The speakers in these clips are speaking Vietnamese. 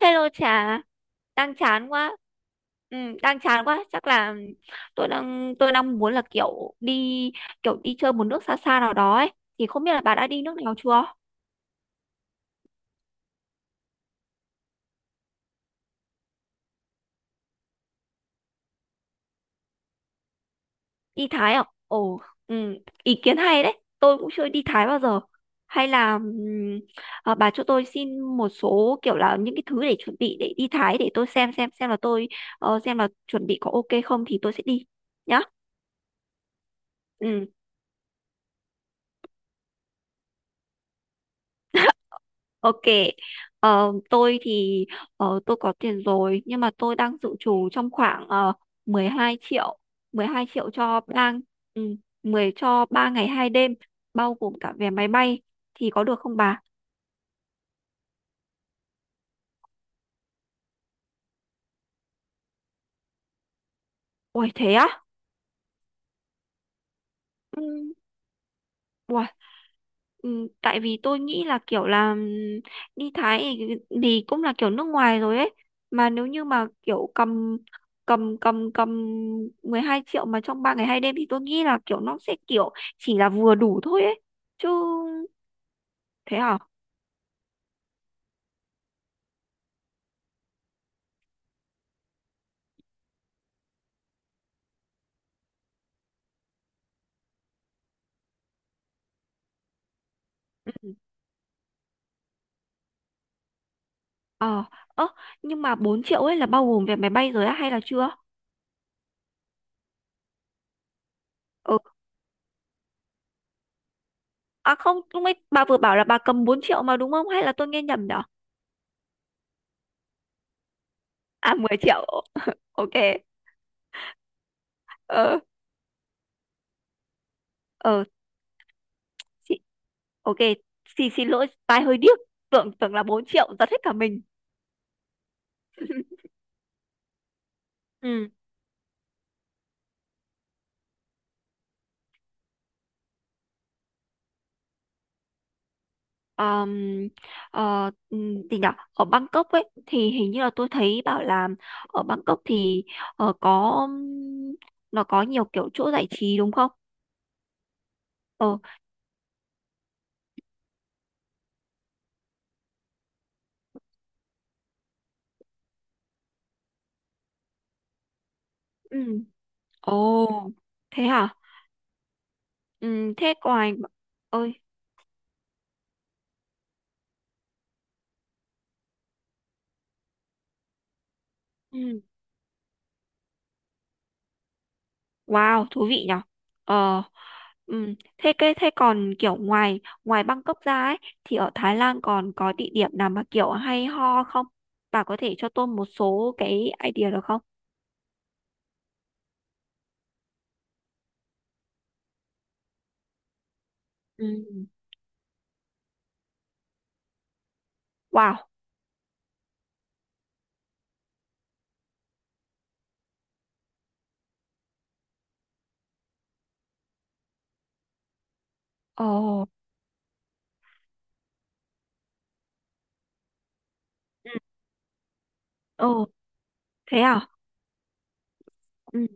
Hello Trà, đang chán quá. Ừ, đang chán quá, chắc là tôi đang muốn là kiểu đi chơi một nước xa xa nào đó ấy. Thì không biết là bà đã đi nước nào chưa? Đi Thái à? Ồ, ừ, ý kiến hay đấy. Tôi cũng chưa đi Thái bao giờ. Hay là bà cho tôi xin một số kiểu là những cái thứ để chuẩn bị để đi Thái, để tôi xem là tôi xem là chuẩn bị có ok không thì tôi sẽ đi nhá. Ừ. Ok, tôi thì tôi có tiền rồi, nhưng mà tôi đang dự trù trong khoảng 12 triệu, 12 triệu cho ba ừ, 10 cho 3 ngày 2 đêm, bao gồm cả vé máy bay, thì có được không bà? Ôi thế á? Ừ. Ừ, tại vì tôi nghĩ là kiểu là đi Thái thì cũng là kiểu nước ngoài rồi ấy, mà nếu như mà kiểu cầm cầm cầm cầm 12 triệu mà trong 3 ngày 2 đêm thì tôi nghĩ là kiểu nó sẽ kiểu chỉ là vừa đủ thôi ấy chứ. Thế à? Ừ. ờ ơ Nhưng mà 4 triệu ấy là bao gồm vé máy bay rồi á hay là chưa? Ừ. À không, lúc ấy bà vừa bảo là bà cầm 4 triệu mà, đúng không, hay là tôi nghe nhầm nhở? À, 10 triệu. Ok. Ờ. Ờ, ok. Xin xin lỗi, tai hơi điếc. Tưởng tưởng là 4 triệu, giật hết cả mình. Ừ. um, Gì nhở? Ở Bangkok ấy thì hình như là tôi thấy bảo là ở Bangkok thì có nó có nhiều kiểu chỗ giải trí đúng không? Ờ. Ừ. Ồ, thế hả? Thế ngoài ơi, ừm, wow, thú vị nhở? Ờ. Ừ. Thế cái thế còn kiểu ngoài ngoài Bangkok ra ấy thì ở Thái Lan còn có địa điểm nào mà kiểu hay ho không? Bà có thể cho tôi một số cái idea được không? Ừ. Wow. Ồ. Ừ. Ồ, thế à? Ừ.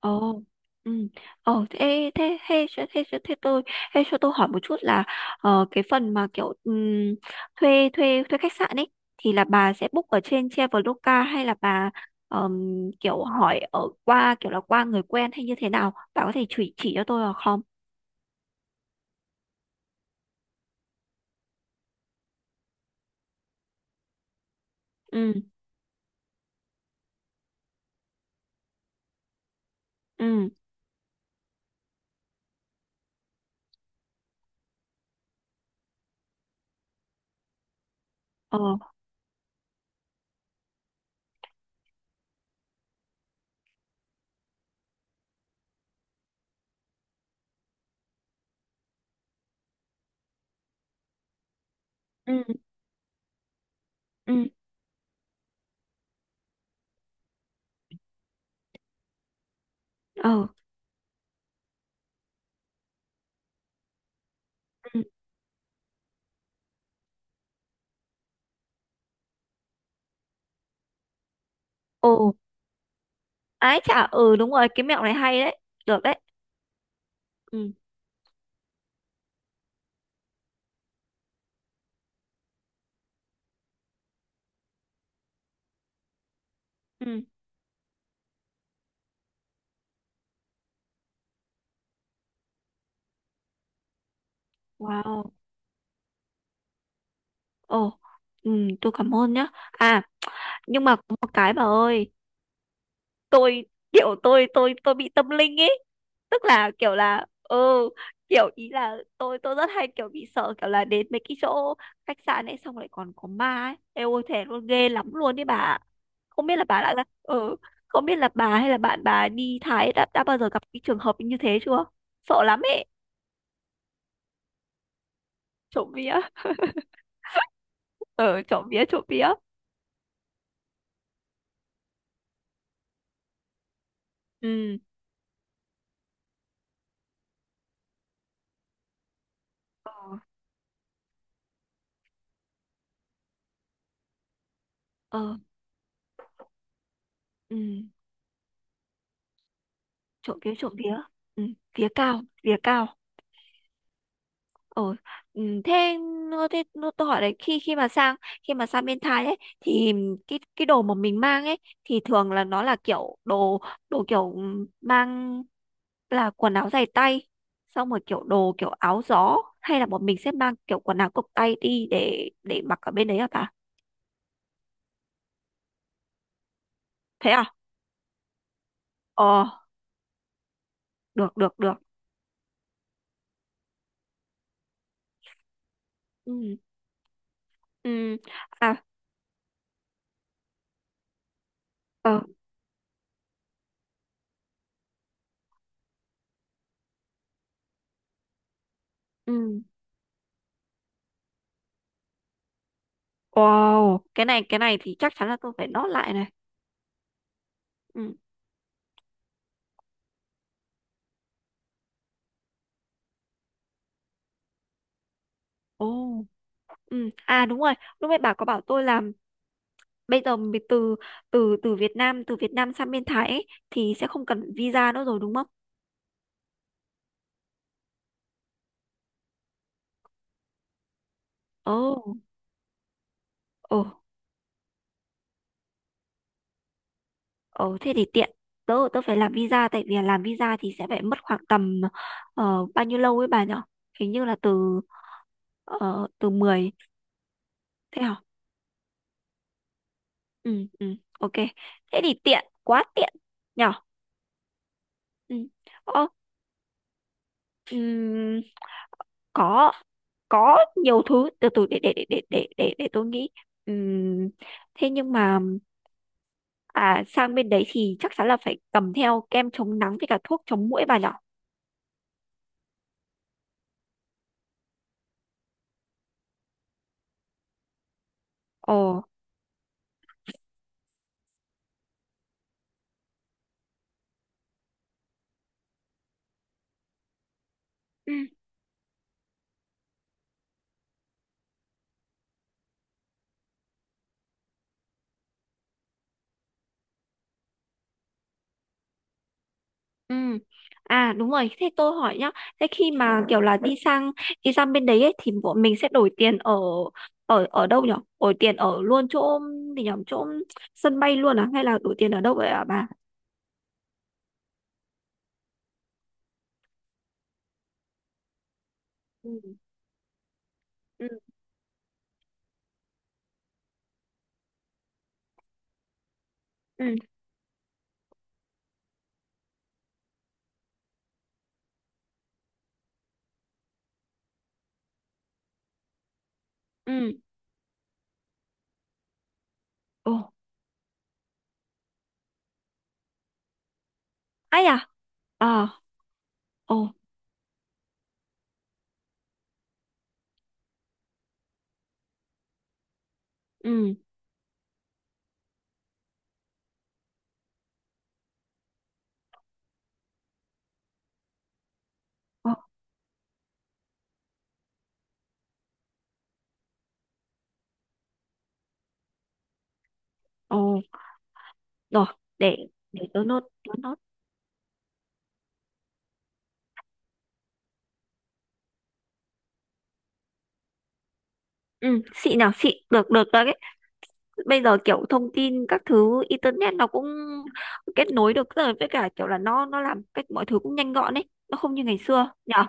Ồ, ừ. Ồ, Thế, tôi thế cho tôi hỏi một chút là cái phần mà kiểu thuê thuê thuê khách sạn ấy thì là bà sẽ book ở trên Traveloka hay là bà ờm, kiểu hỏi ở qua kiểu là qua người quen hay như thế nào? Bà có thể chỉ cho tôi được không? Ừ, ừ, ờ, ừ, ừ, ờ, ừ, ồ, ái chả, ừ, đúng rồi, cái mẹo này hay đấy, được đấy. Ừ, ừ. Wow. Ồ. Ừ, tôi cảm ơn nhá. À, nhưng mà có một cái bà ơi, tôi kiểu tôi bị tâm linh ấy, tức là kiểu là ừ kiểu ý là tôi rất hay kiểu bị sợ kiểu là đến mấy cái chỗ khách sạn ấy xong lại còn có ma ấy. Ê, ôi thề luôn, ghê lắm luôn đấy bà. Không biết là bà đã ừ không biết là bà hay là bạn bà đi Thái đã bao giờ gặp cái trường hợp như thế chưa, sợ lắm ấy. Trộm vía. Ờ, trộm vía, trộm vía. Ừ. Ờ. Ờ, ừ, trộm vía, trộm vía. Ừ. Vía cao, vía cao. Ồ. Ừ, thế nó- tôi hỏi đấy, khi khi mà sang bên Thái ấy thì cái đồ mà mình mang ấy thì thường là nó là kiểu đồ, kiểu mang là quần áo dài tay, xong rồi kiểu đồ kiểu áo gió, hay là bọn mình sẽ mang kiểu quần áo cộc tay đi để mặc ở bên đấy hả bà? Thế à? Ờ, được, được, được. Ừ. Ừ. À. Ờ. Ừ. Wow, cái này thì chắc chắn là tôi phải nốt lại này. Ừ. Ồ. Ừ. À, đúng rồi, lúc nãy bà có bảo tôi là bây giờ mình từ từ từ Việt Nam sang bên Thái ấy, thì sẽ không cần visa nữa rồi đúng không? Ồ. Ồ. Ồ, thế thì tiện. Tớ tớ phải làm visa, tại vì làm visa thì sẽ phải mất khoảng tầm bao nhiêu lâu ấy bà nhở? Hình như là từ từ mười. Thế hả? Ừ, ừ, ok. Thế thì tiện, quá tiện nhở? Ừ. Ờ, ừm, có có nhiều thứ từ từ để tôi nghĩ. Ừm, thế nhưng mà à sang bên đấy thì chắc chắn là phải cầm theo kem chống nắng với cả thuốc chống muỗi bà nhở? Ồ. Ừ. Ừ. À, đúng rồi, thế tôi hỏi nhá, thế khi mà kiểu là đi sang bên đấy ấy, thì bọn mình sẽ đổi tiền ở ở ở đâu nhở, đổi tiền ở luôn chỗ, thì nhở chỗ sân bay luôn à hay là đổi tiền ở đâu vậy ạ bà? Ừ, ừ, ừ, ừ, ồ, ai à, ờ ồ, ừ. Ờ, ờ, rồi để để tớ nốt, tớ nốt. Ừ, xịn nào, xịn, được được đấy. Bây giờ kiểu thông tin các thứ internet nó cũng kết nối được rồi, với cả kiểu là nó làm cách mọi thứ cũng nhanh gọn ấy, nó không như ngày xưa nhở?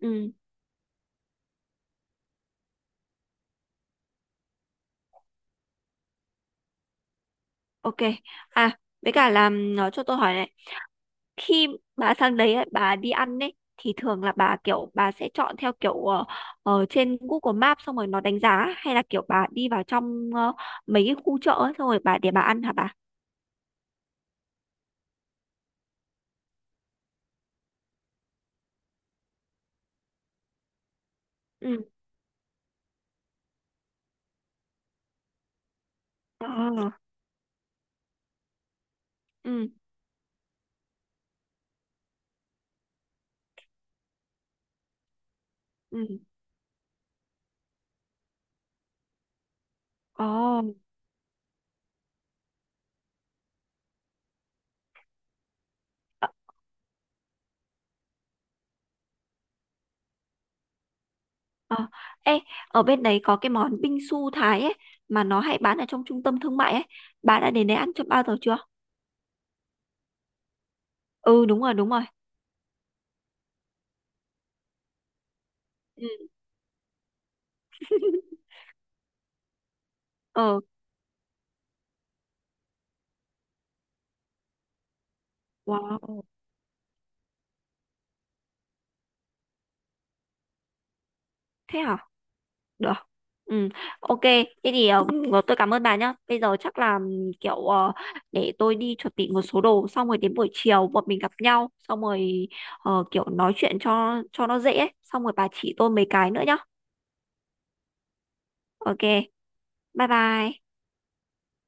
Ừ, ok. À, với cả là nó cho tôi hỏi này, khi bà sang đấy ấy, bà đi ăn ấy thì thường là bà kiểu bà sẽ chọn theo kiểu ở trên Google Maps xong rồi nó đánh giá, hay là kiểu bà đi vào trong mấy cái khu chợ ấy, xong rồi bà để bà ăn hả bà? Ừ. Ờ, ừ, ừ, ồ, ờ, ờ. Ê, ở bên đấy có cái món bingsu su Thái ấy mà nó hay bán ở trong trung tâm thương mại ấy. Bà đã đến đấy ăn cho bao giờ chưa? Ừ, đúng rồi, đúng rồi. Ừ. Ờ, wow. Thế hả? Được. Ừ, ok. Thế thì tôi cảm ơn bà nhá. Bây giờ chắc là kiểu để tôi đi chuẩn bị một số đồ, xong rồi đến buổi chiều bọn mình gặp nhau xong rồi kiểu nói chuyện cho nó dễ ấy. Xong rồi bà chỉ tôi mấy cái nữa nhá. Ok. Bye bye.